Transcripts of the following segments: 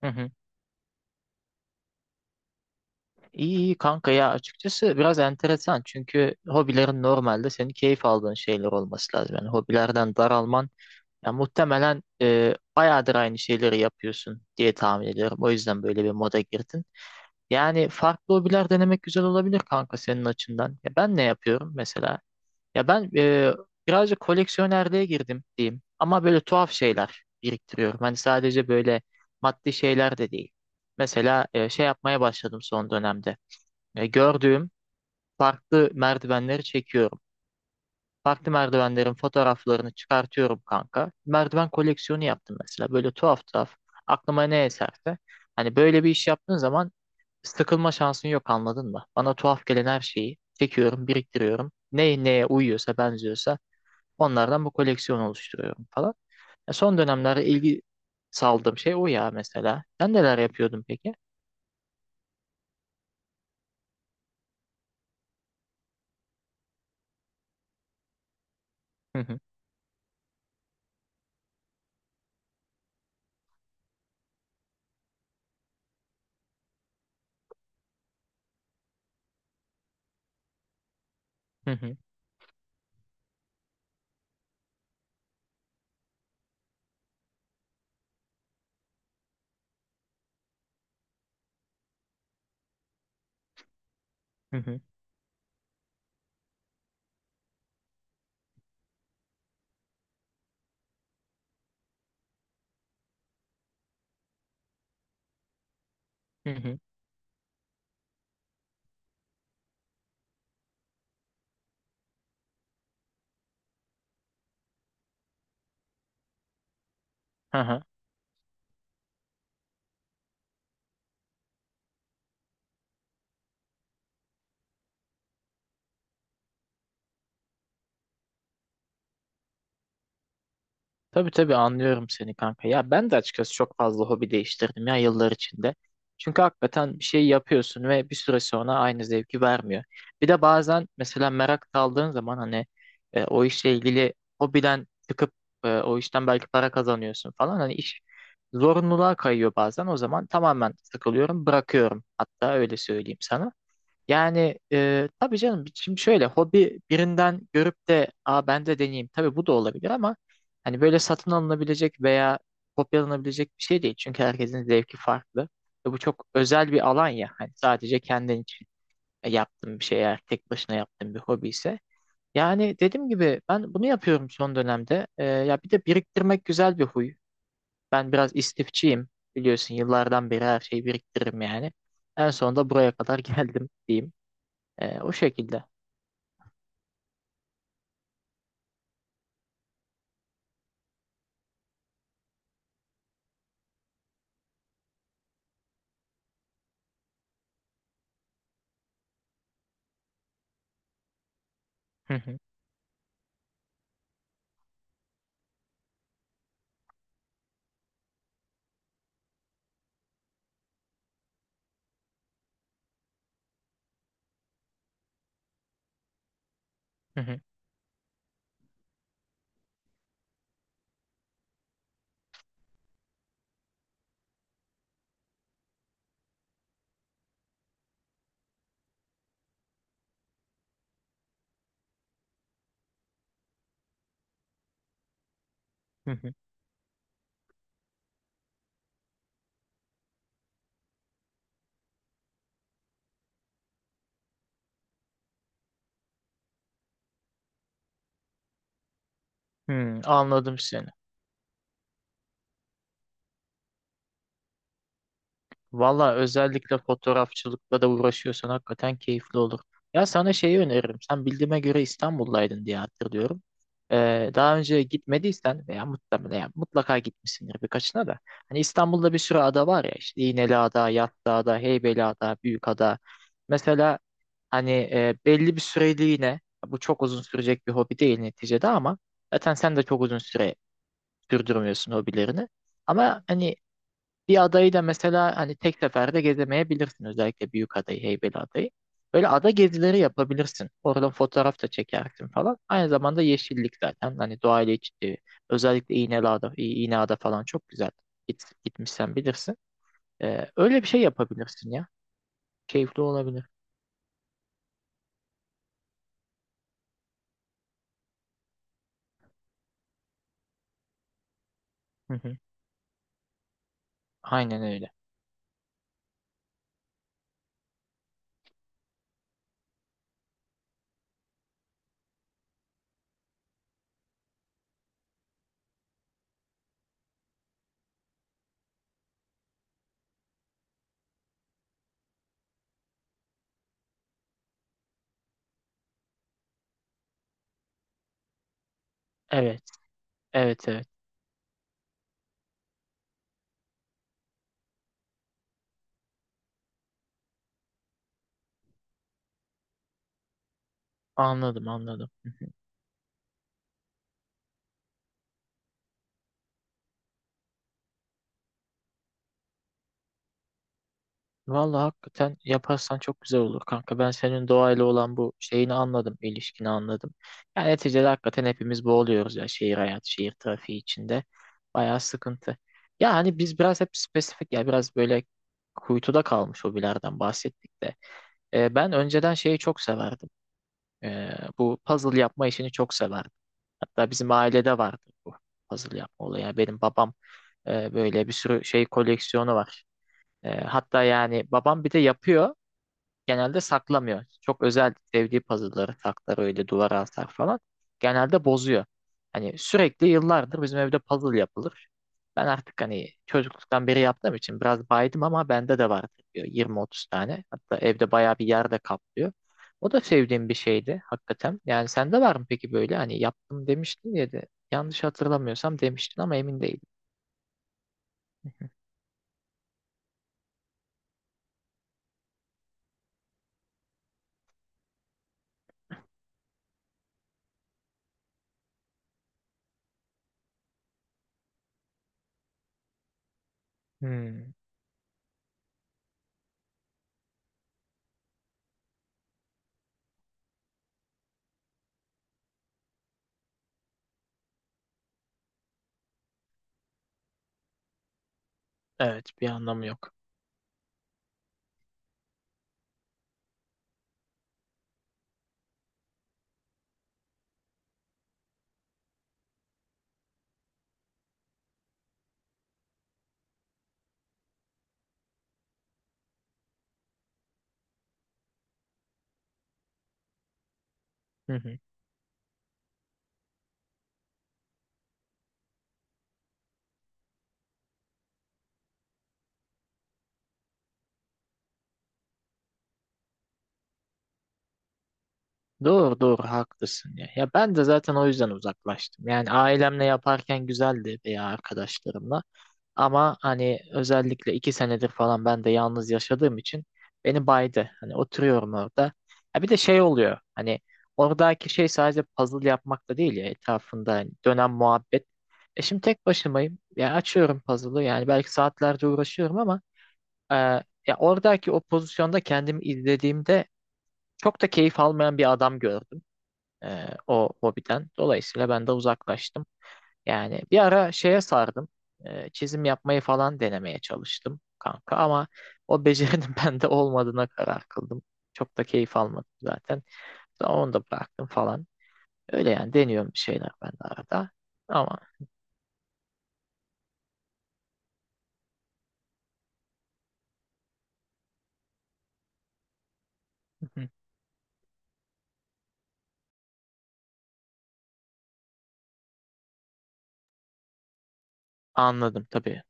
Hı hı. İyi iyi kanka ya açıkçası biraz enteresan çünkü hobilerin normalde senin keyif aldığın şeyler olması lazım. Yani hobilerden daralman. Ya muhtemelen bayağıdır aynı şeyleri yapıyorsun diye tahmin ediyorum. O yüzden böyle bir moda girdin. Yani farklı hobiler denemek güzel olabilir kanka senin açından. Ya ben ne yapıyorum mesela? Ya ben birazcık koleksiyonerliğe girdim diyeyim. Ama böyle tuhaf şeyler biriktiriyorum. Hani sadece böyle maddi şeyler de değil. Mesela şey yapmaya başladım son dönemde. Gördüğüm farklı merdivenleri çekiyorum. Farklı merdivenlerin fotoğraflarını çıkartıyorum kanka. Merdiven koleksiyonu yaptım mesela. Böyle tuhaf tuhaf. Aklıma ne eserse. Hani böyle bir iş yaptığın zaman sıkılma şansın yok, anladın mı? Bana tuhaf gelen her şeyi çekiyorum, biriktiriyorum. Ne neye uyuyorsa, benziyorsa onlardan bu koleksiyonu oluşturuyorum falan. Son dönemlerde ilgi saldığım şey o ya mesela. Sen neler yapıyordun peki? Hı hı, hı hı, hı hı, hı hı, hı hı. Tabii tabii anlıyorum seni kanka. Ya ben de açıkçası çok fazla hobi değiştirdim ya yıllar içinde. Çünkü hakikaten bir şey yapıyorsun ve bir süre sonra aynı zevki vermiyor. Bir de bazen mesela merak kaldığın zaman hani o işle ilgili hobiden çıkıp o işten belki para kazanıyorsun falan. Hani iş zorunluluğa kayıyor bazen. O zaman tamamen sıkılıyorum, bırakıyorum. Hatta öyle söyleyeyim sana. Yani tabii canım, şimdi şöyle, hobi birinden görüp de aa ben de deneyeyim. Tabii bu da olabilir ama hani böyle satın alınabilecek veya kopyalanabilecek bir şey değil. Çünkü herkesin zevki farklı. Ve bu çok özel bir alan ya. Hani sadece kendin için yaptığın bir şey, eğer tek başına yaptığın bir hobi ise. Yani dediğim gibi ben bunu yapıyorum son dönemde. Ya bir de biriktirmek güzel bir huy. Ben biraz istifçiyim. Biliyorsun yıllardan beri her şeyi biriktiririm yani. En sonunda buraya kadar geldim diyeyim. O şekilde. Hı hı, hı hı, hı hı. Hmm, anladım seni. Valla özellikle fotoğrafçılıkla da uğraşıyorsan hakikaten keyifli olur. Ya sana şeyi öneririm. Sen bildiğime göre İstanbul'daydın diye hatırlıyorum. Daha önce gitmediysen veya muhtemelen, ya mutlaka gitmişsindir birkaçına da. Hani İstanbul'da bir sürü ada var ya, işte İğneliada, Yassıada, Heybeliada, Büyükada. Mesela hani belli bir süreliğine, bu çok uzun sürecek bir hobi değil neticede ama zaten sen de çok uzun süre sürdürmüyorsun hobilerini. Ama hani bir adayı da mesela hani tek seferde gezemeyebilirsin. Özellikle Büyük adayı, Heybeli adayı. Böyle ada gezileri yapabilirsin. Oradan fotoğraf da çekersin falan. Aynı zamanda yeşillik zaten. Hani doğayla iç içe. Özellikle İğneada, İğneada falan çok güzel. Git, gitmişsen bilirsin. Öyle bir şey yapabilirsin ya. Keyifli olabilir. Hı hı. Aynen öyle. Evet, evet, evet. Anladım, anladım. Hı hı. Vallahi hakikaten yaparsan çok güzel olur kanka. Ben senin doğayla olan bu şeyini anladım, ilişkini anladım. Yani neticede hakikaten hepimiz boğuluyoruz ya, şehir hayatı, şehir trafiği içinde. Bayağı sıkıntı. Ya hani biz biraz hep spesifik ya, biraz böyle kuytuda kalmış hobilerden bahsettik de. Ben önceden şeyi çok severdim. Ee, Bu puzzle yapma işini çok severdim. Hatta bizim ailede vardı bu puzzle yapma olayı. Yani benim babam böyle bir sürü şey koleksiyonu var. Hatta yani babam bir de yapıyor, genelde saklamıyor. Çok özel sevdiği puzzle'ları saklar, öyle duvara asar falan. Genelde bozuyor. Hani sürekli yıllardır bizim evde puzzle yapılır. Ben artık hani çocukluktan beri yaptığım için biraz baydım ama bende de var 20-30 tane. Hatta evde bayağı bir yerde kaplıyor. O da sevdiğim bir şeydi hakikaten. Yani sende var mı peki böyle, hani yaptım demiştin ya da, yanlış hatırlamıyorsam demiştin ama emin değilim. Hmm, evet, bir anlamı yok. Doğru doğru haklısın ya. Ya ben de zaten o yüzden uzaklaştım. Yani ailemle yaparken güzeldi veya arkadaşlarımla. Ama hani özellikle iki senedir falan ben de yalnız yaşadığım için beni baydı. Hani oturuyorum orada. Ya bir de şey oluyor. Hani oradaki şey sadece puzzle yapmak da değil ya, etrafında hani dönen muhabbet. E şimdi tek başımayım. Ya açıyorum puzzle'ı. Yani belki saatlerce uğraşıyorum ama e, ya oradaki o pozisyonda kendimi izlediğimde çok da keyif almayan bir adam gördüm. O hobiden. Dolayısıyla ben de uzaklaştım. Yani bir ara şeye sardım. Çizim yapmayı falan denemeye çalıştım kanka ama o becerinin bende olmadığına karar kıldım. Çok da keyif almadım zaten. Sonra onu da bıraktım falan. Öyle yani, deniyorum bir şeyler ben de arada. Ama anladım tabii.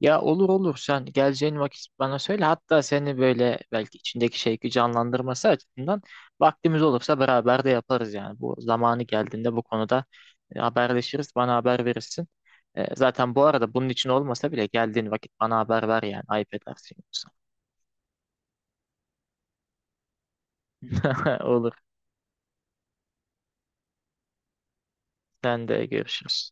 Ya olur olur, sen geleceğin vakit bana söyle. Hatta seni böyle, belki içindeki şeyi canlandırması açısından, vaktimiz olursa beraber de yaparız yani. Bu zamanı geldiğinde bu konuda haberleşiriz. Bana haber verirsin. Zaten bu arada bunun için olmasa bile geldiğin vakit bana haber ver yani. Ayıp edersin yoksa. Olur. Sen de görüşürüz.